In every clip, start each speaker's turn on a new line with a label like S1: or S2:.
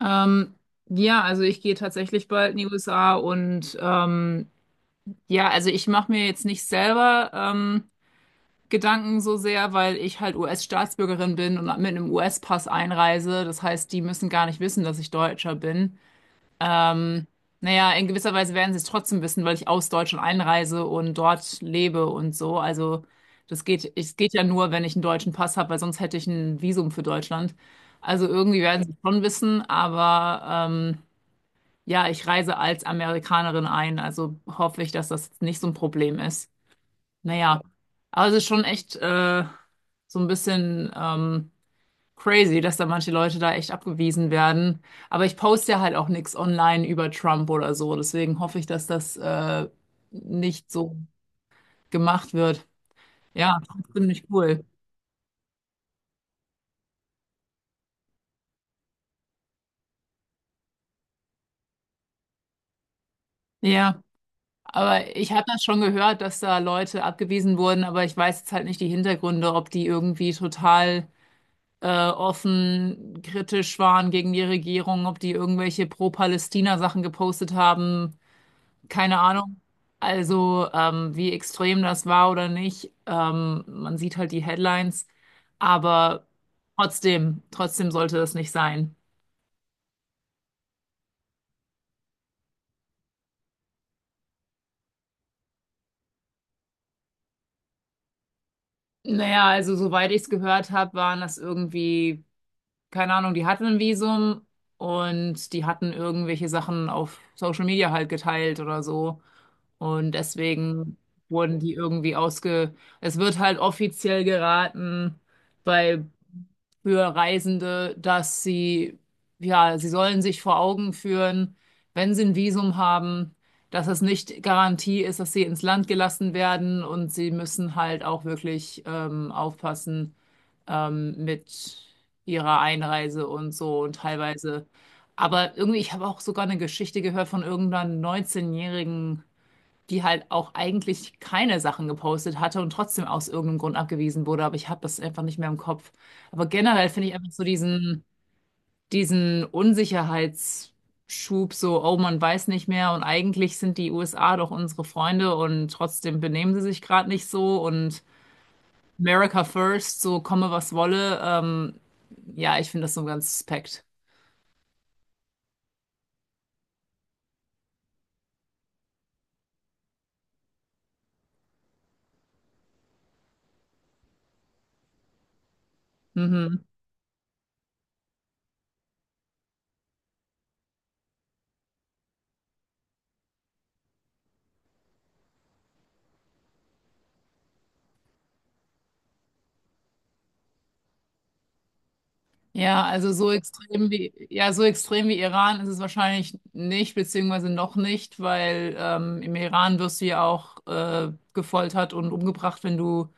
S1: Ähm, ja, also ich gehe tatsächlich bald in die USA und ja, also ich mache mir jetzt nicht selber Gedanken so sehr, weil ich halt US-Staatsbürgerin bin und mit einem US-Pass einreise. Das heißt, die müssen gar nicht wissen, dass ich Deutscher bin. Ähm, naja, in gewisser Weise werden sie es trotzdem wissen, weil ich aus Deutschland einreise und dort lebe und so. Also das geht, es geht ja nur, wenn ich einen deutschen Pass habe, weil sonst hätte ich ein Visum für Deutschland. Also irgendwie werden sie es schon wissen, aber ja, ich reise als Amerikanerin ein, also hoffe ich, dass das nicht so ein Problem ist. Naja, aber es ist schon echt so ein bisschen crazy, dass da manche Leute da echt abgewiesen werden. Aber ich poste ja halt auch nichts online über Trump oder so, deswegen hoffe ich, dass das nicht so gemacht wird. Ja, ziemlich cool. Ja, aber ich habe das schon gehört, dass da Leute abgewiesen wurden, aber ich weiß jetzt halt nicht die Hintergründe, ob die irgendwie total offen kritisch waren gegen die Regierung, ob die irgendwelche Pro-Palästina-Sachen gepostet haben, keine Ahnung. Also, wie extrem das war oder nicht, man sieht halt die Headlines, aber trotzdem sollte das nicht sein. Naja, also soweit ich es gehört habe, waren das irgendwie, keine Ahnung, die hatten ein Visum und die hatten irgendwelche Sachen auf Social Media halt geteilt oder so. Und deswegen wurden die irgendwie. Es wird halt offiziell geraten bei für Reisende, dass sie, ja, sie sollen sich vor Augen führen, wenn sie ein Visum haben, dass es nicht Garantie ist, dass sie ins Land gelassen werden und sie müssen halt auch wirklich aufpassen mit ihrer Einreise und so und teilweise. Aber irgendwie, ich habe auch sogar eine Geschichte gehört von irgendeiner 19-jährigen, die halt auch eigentlich keine Sachen gepostet hatte und trotzdem aus irgendeinem Grund abgewiesen wurde, aber ich habe das einfach nicht mehr im Kopf. Aber generell finde ich einfach so diesen Unsicherheitsschub, so, oh, man weiß nicht mehr und eigentlich sind die USA doch unsere Freunde und trotzdem benehmen sie sich gerade nicht so und America first, so komme was wolle. Ja, ich finde das so ganz suspekt. Mhm. Ja, also ja, so extrem wie Iran ist es wahrscheinlich nicht, beziehungsweise noch nicht, weil im Iran wirst du ja auch gefoltert und umgebracht, wenn du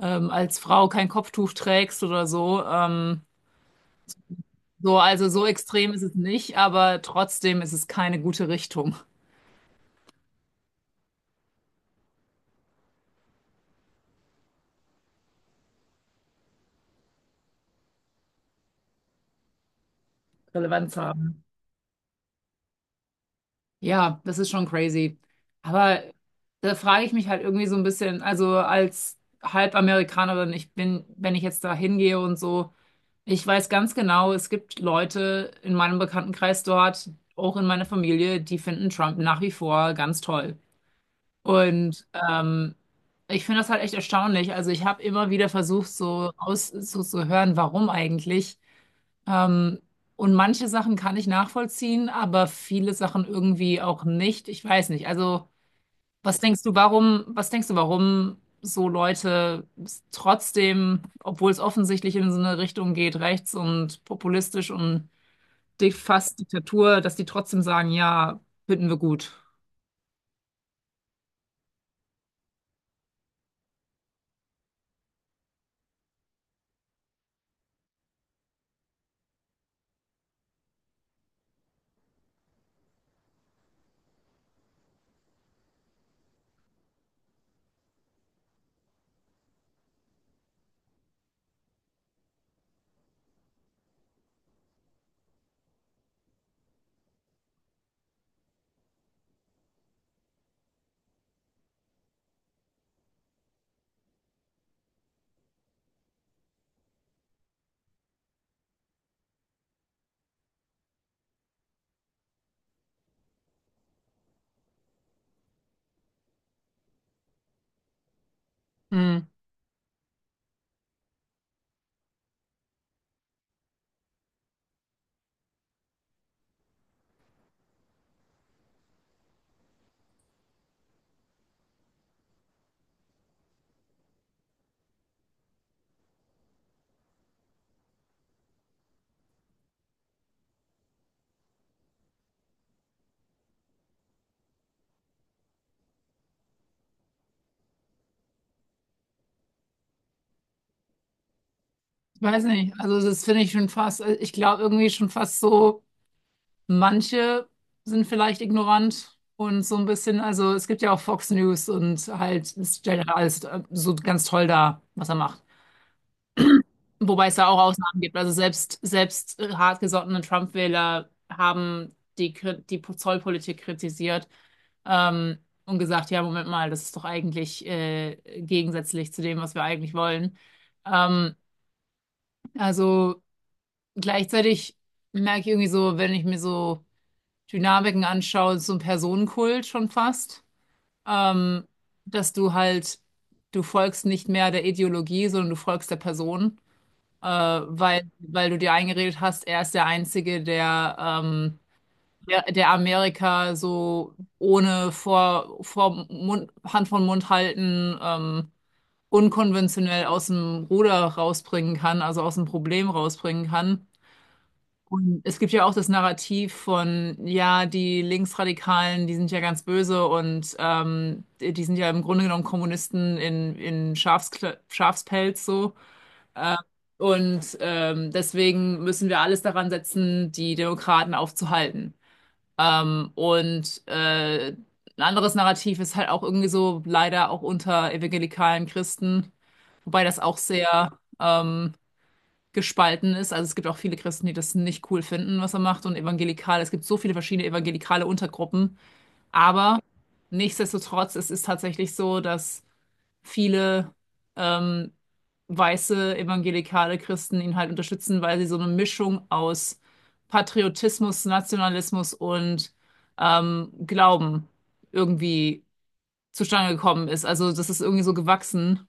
S1: als Frau kein Kopftuch trägst oder so. So, also so extrem ist es nicht, aber trotzdem ist es keine gute Richtung. Relevanz haben. Ja, das ist schon crazy. Aber da frage ich mich halt irgendwie so ein bisschen, also als Halbamerikanerin, ich bin, wenn ich jetzt da hingehe und so. Ich weiß ganz genau, es gibt Leute in meinem Bekanntenkreis dort, auch in meiner Familie, die finden Trump nach wie vor ganz toll. Und ich finde das halt echt erstaunlich. Also ich habe immer wieder versucht, so aus so zu hören, warum eigentlich. Ähm, und manche Sachen kann ich nachvollziehen, aber viele Sachen irgendwie auch nicht. Ich weiß nicht. Also was denkst du, warum so Leute trotzdem, obwohl es offensichtlich in so eine Richtung geht, rechts und populistisch und fast Diktatur, dass die trotzdem sagen, ja, finden wir gut? Hm. Ich weiß nicht. Also das finde ich schon fast, ich glaube irgendwie schon fast so, manche sind vielleicht ignorant und so ein bisschen, also es gibt ja auch Fox News und halt, es stellt ja alles so ganz toll dar, was er macht. Wobei es da auch Ausnahmen gibt. Also selbst hartgesottene Trump-Wähler haben die Zollpolitik kritisiert ähm, und gesagt, ja, Moment mal, das ist doch eigentlich gegensätzlich zu dem, was wir eigentlich wollen. Ähm, also gleichzeitig merke ich irgendwie so, wenn ich mir so Dynamiken anschaue, so ein Personenkult schon fast, ähm, dass du folgst nicht mehr der Ideologie, sondern du folgst der Person weil du dir eingeredet hast, er ist der Einzige, der Amerika so ohne vor Mund, Hand von Mund halten, unkonventionell aus dem Ruder rausbringen kann, also aus dem Problem rausbringen kann. Und es gibt ja auch das Narrativ von, ja, die Linksradikalen, die sind ja ganz böse und die sind ja im Grunde genommen Kommunisten in Schafskle Schafspelz so. Äh, und deswegen müssen wir alles daran setzen, die Demokraten aufzuhalten. Und ein anderes Narrativ ist halt auch irgendwie so leider auch unter evangelikalen Christen, wobei das auch sehr gespalten ist. Also es gibt auch viele Christen, die das nicht cool finden, was er macht und evangelikale. Es gibt so viele verschiedene evangelikale Untergruppen, aber nichtsdestotrotz, es ist tatsächlich so, dass viele ähm, weiße evangelikale Christen ihn halt unterstützen, weil sie so eine Mischung aus Patriotismus, Nationalismus und Glauben irgendwie zustande gekommen ist. Also das ist irgendwie so gewachsen,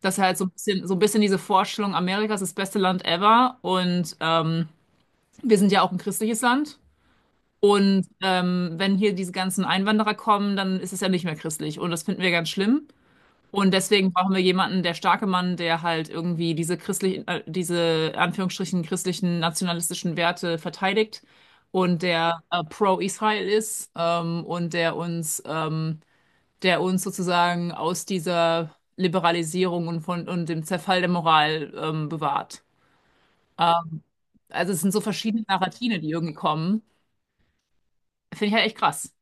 S1: dass er halt so ein bisschen diese Vorstellung, Amerika ist das beste Land ever und wir sind ja auch ein christliches Land. Und wenn hier diese ganzen Einwanderer kommen, dann ist es ja nicht mehr christlich. Und das finden wir ganz schlimm. Und deswegen brauchen wir jemanden, der starke Mann, der halt irgendwie diese Anführungsstrichen christlichen nationalistischen Werte verteidigt und der pro-Israel ist und der uns sozusagen aus dieser Liberalisierung und dem Zerfall der Moral bewahrt. Also es sind so verschiedene Narrative, die irgendwie kommen. Finde ich halt echt krass.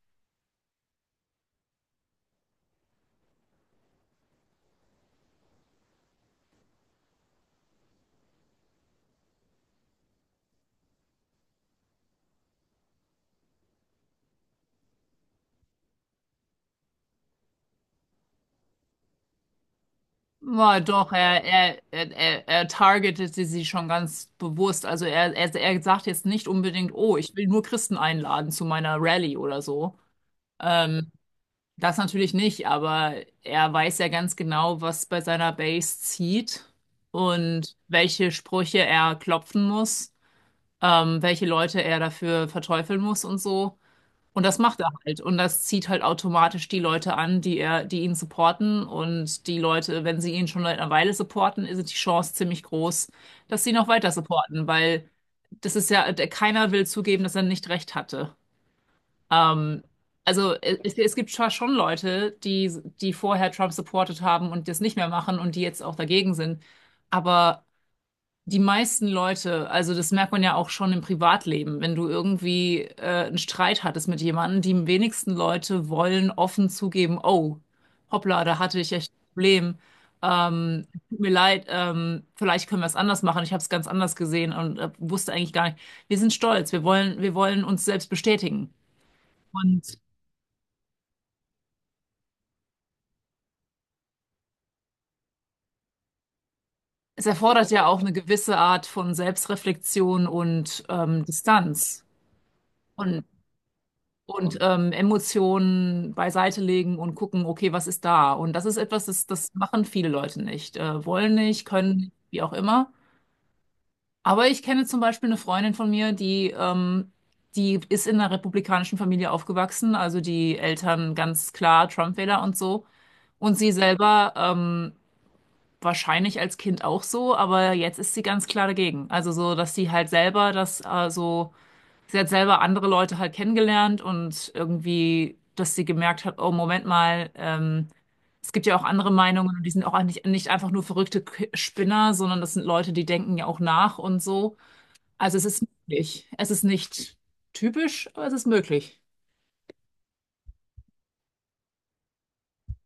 S1: Ja, doch, er targetete sie schon ganz bewusst. Also er sagt jetzt nicht unbedingt, oh, ich will nur Christen einladen zu meiner Rallye oder so. Ähm, Das natürlich nicht, aber er weiß ja ganz genau, was bei seiner Base zieht und welche Sprüche er klopfen muss, welche Leute er dafür verteufeln muss und so. Und das macht er halt. Und das zieht halt automatisch die Leute an, die ihn supporten. Und die Leute, wenn sie ihn schon seit einer Weile supporten, ist die Chance ziemlich groß, dass sie noch weiter supporten, weil das ist ja, keiner will zugeben, dass er nicht recht hatte. Ähm, also es gibt zwar schon Leute, die vorher Trump supportet haben und das nicht mehr machen und die jetzt auch dagegen sind. Aber die meisten Leute, also das merkt man ja auch schon im Privatleben, wenn du irgendwie einen Streit hattest mit jemandem, die wenigsten Leute wollen offen zugeben, oh, hoppla, da hatte ich echt ein Problem. Tut mir leid, vielleicht können wir es anders machen. Ich habe es ganz anders gesehen und wusste eigentlich gar nicht. Wir sind stolz, wir wollen uns selbst bestätigen. Und es erfordert ja auch eine gewisse Art von Selbstreflexion und Distanz. Und und Emotionen beiseite legen und gucken, okay, was ist da? Und das ist etwas, das machen viele Leute nicht. Wollen nicht, können nicht, wie auch immer. Aber ich kenne zum Beispiel eine Freundin von mir, die ist in einer republikanischen Familie aufgewachsen, also die Eltern ganz klar Trump-Wähler und so. Und sie selber wahrscheinlich als Kind auch so, aber jetzt ist sie ganz klar dagegen. Also so, dass sie halt selber das so. Sie hat selber andere Leute halt kennengelernt und irgendwie, dass sie gemerkt hat, oh, Moment mal, es gibt ja auch andere Meinungen und die sind auch nicht einfach nur verrückte Spinner, sondern das sind Leute, die denken ja auch nach und so. Also es ist möglich. Es ist nicht typisch, aber es ist möglich.